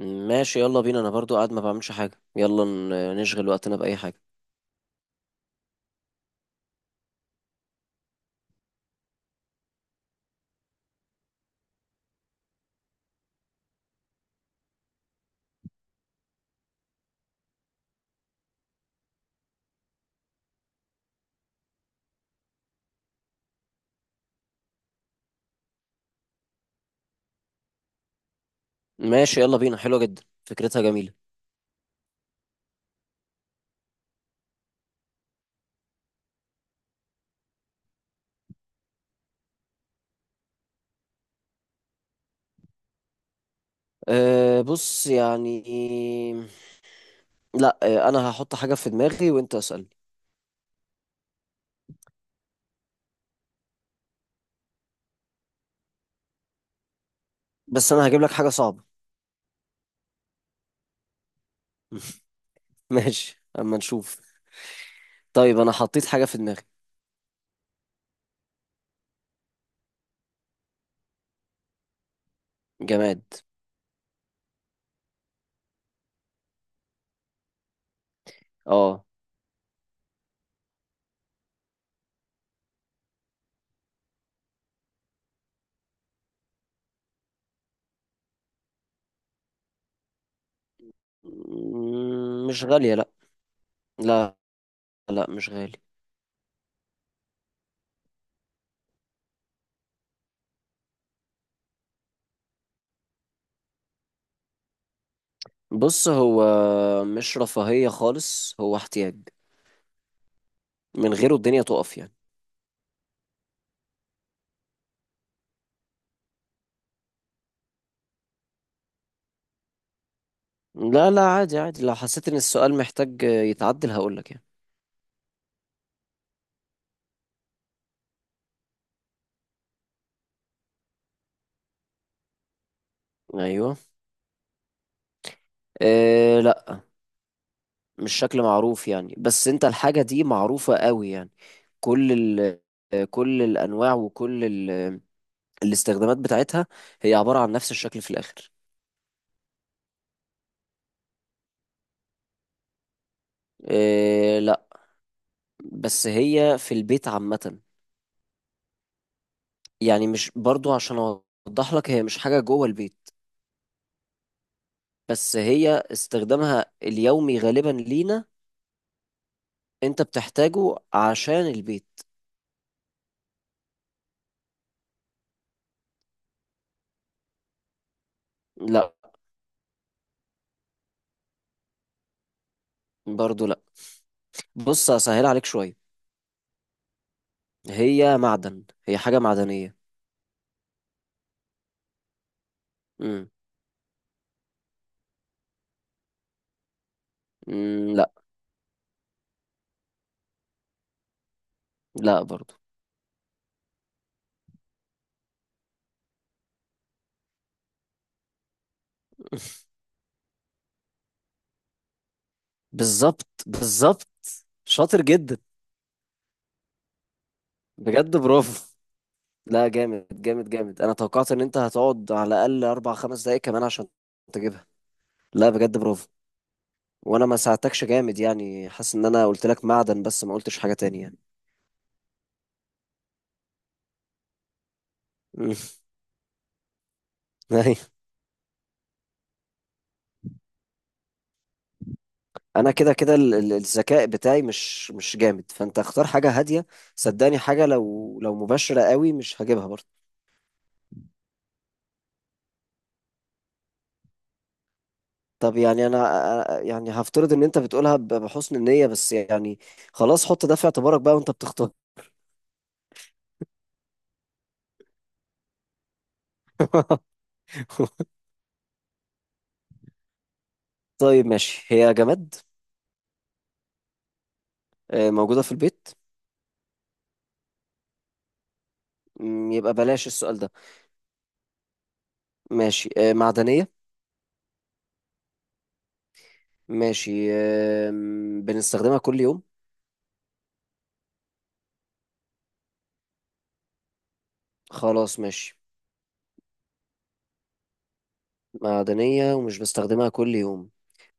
ماشي، يلا بينا. انا برضو قاعد ما بعملش حاجة. يلا نشغل وقتنا بأي حاجة. ماشي يلا بينا، حلوة جدا، فكرتها جميلة. أه، بص يعني. لا. أه، انا هحط حاجة في دماغي وانت اسألني، بس انا هجيب لك حاجة صعبة. ماشي، اما نشوف. طيب، انا حطيت حاجة في دماغي. جماد. اه، مش غالية، لا. لا، لا مش غالي. بص، هو مش رفاهية خالص، هو احتياج. من غيره الدنيا تقف يعني. لا لا، عادي عادي، لو حسيت ان السؤال محتاج يتعدل هقولك يعني. ايوه. إيه لا. مش شكل معروف يعني، بس انت الحاجة دي معروفة قوي يعني. كل ال كل الانواع، وكل الاستخدامات بتاعتها. هي عبارة عن نفس الشكل في الاخر. إيه لا. بس هي في البيت عامة. يعني مش، برضو عشان اوضح لك، هي مش حاجة جوه البيت. بس هي استخدامها اليومي غالبا لينا. انت بتحتاجه عشان البيت. لا. برضو لا. بص، هسهل عليك شوية. هي معدن، هي حاجة معدنية. مم. مم. لا. لا برضو. بالظبط بالظبط. شاطر جدا. بجد برافو. لا، جامد جامد جامد. انا توقعت ان انت هتقعد على الاقل 4 5 دقايق كمان عشان تجيبها. لا، بجد برافو. وانا ما ساعدتكش جامد يعني، حاسس ان انا قلت لك معدن بس ما قلتش حاجة تانية يعني. مم. أيوة. انا كده كده الذكاء بتاعي مش جامد، فانت اختار حاجة هادية. صدقني، حاجة لو مباشرة قوي مش هجيبها برضو. طب يعني انا، يعني هفترض ان انت بتقولها بحسن النية بس يعني. خلاص، حط ده في اعتبارك بقى وانت بتختار. طيب ماشي، هي جماد. موجودة في البيت. يبقى بلاش السؤال ده. ماشي، معدنية. ماشي، بنستخدمها كل يوم. خلاص ماشي. معدنية ومش بستخدمها كل يوم.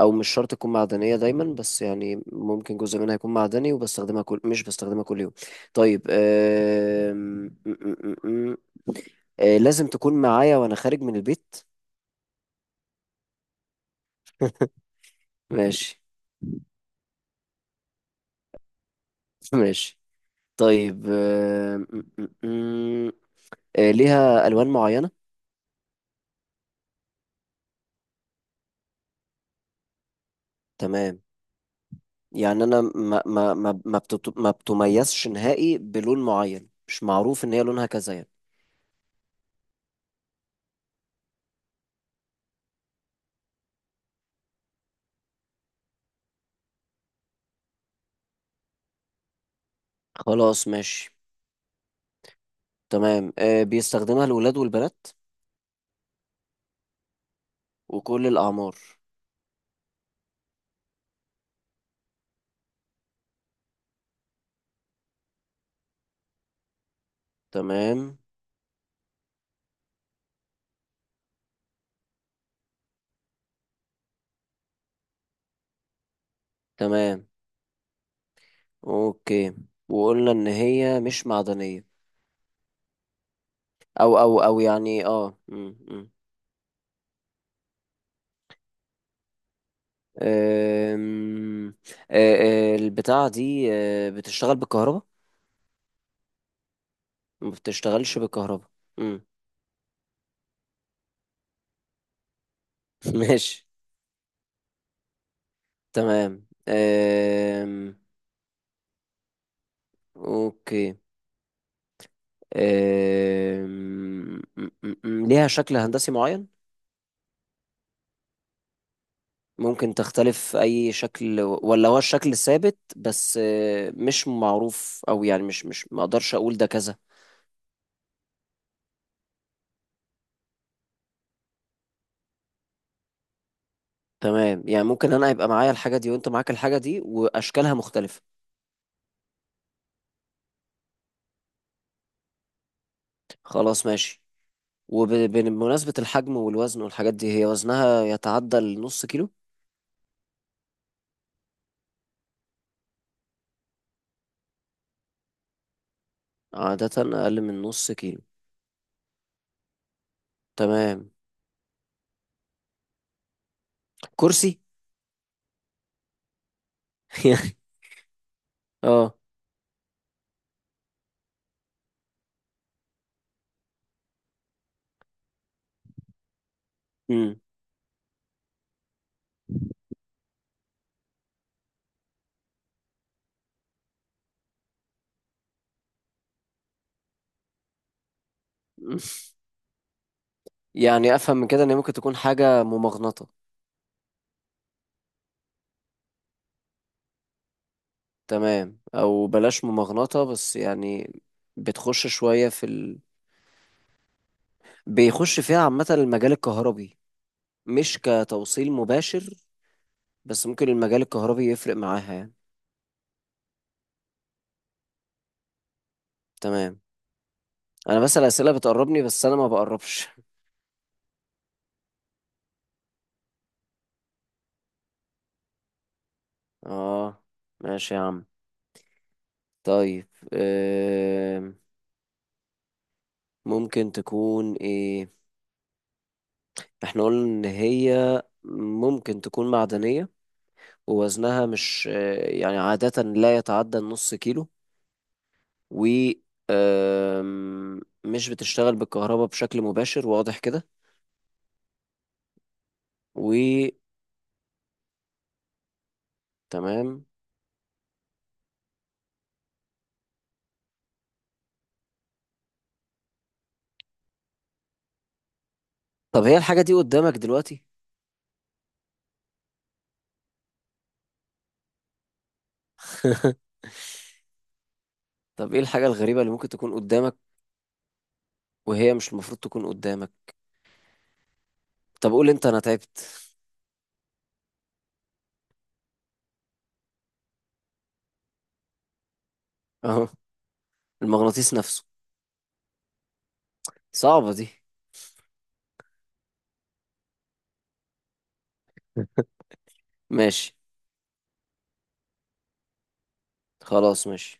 او مش شرط تكون معدنية دايما، بس يعني ممكن جزء منها يكون معدني، وبستخدمها كل مش بستخدمها كل يوم. طيب لازم تكون معايا وانا خارج من البيت. ماشي. ماشي. طيب، م- ليها الوان معينه. تمام. يعني انا ما بتميزش نهائي بلون معين، مش معروف ان هي لونها كذا يعني. خلاص ماشي. تمام، بيستخدمها الولاد والبنات وكل الاعمار. تمام تمام. اوكي. وقلنا ان هي مش معدنيه. او يعني اه م- م. أم، أه، أه، البتاعة دي بتشتغل بالكهرباء. ما بتشتغلش بالكهرباء. مم. ماشي. تمام. اوكي. أم، م- م- م- ليها شكل هندسي معين. ممكن تختلف اي شكل ولا هو الشكل الثابت، بس مش معروف، او يعني مش مش ما اقدرش اقول ده كذا. تمام، يعني ممكن انا يبقى معايا الحاجة دي وانت معاك الحاجة دي واشكالها مختلفة. خلاص ماشي. وبمناسبة الحجم والوزن والحاجات دي، هي وزنها يتعدى النص كيلو؟ عادة أقل من نص كيلو. تمام. كرسي. اه. امم. يعني أفهم من كده إن هي ممكن تكون حاجة ممغنطة. تمام، أو بلاش ممغنطة بس يعني. بتخش شوية في ال... بيخش فيها عامة المجال الكهربي، مش كتوصيل مباشر، بس ممكن المجال الكهربي يفرق معاها يعني. تمام. أنا بسأل أسئلة بتقربني، بس أنا ما بقربش. اه. ماشي يا عم. طيب آم، ممكن تكون ايه؟ احنا قلنا ان هي ممكن تكون معدنية، ووزنها مش، يعني عادة لا يتعدى النص كيلو. و مش بتشتغل بالكهرباء بشكل مباشر واضح كده. و تمام. طب هي الحاجة دي قدامك دلوقتي؟ طب ايه الحاجة الغريبة اللي ممكن تكون قدامك وهي مش المفروض تكون قدامك؟ طب قول انت، انا تعبت. اهو. المغناطيس نفسه. صعبة دي. ماشي، خلاص ماشي.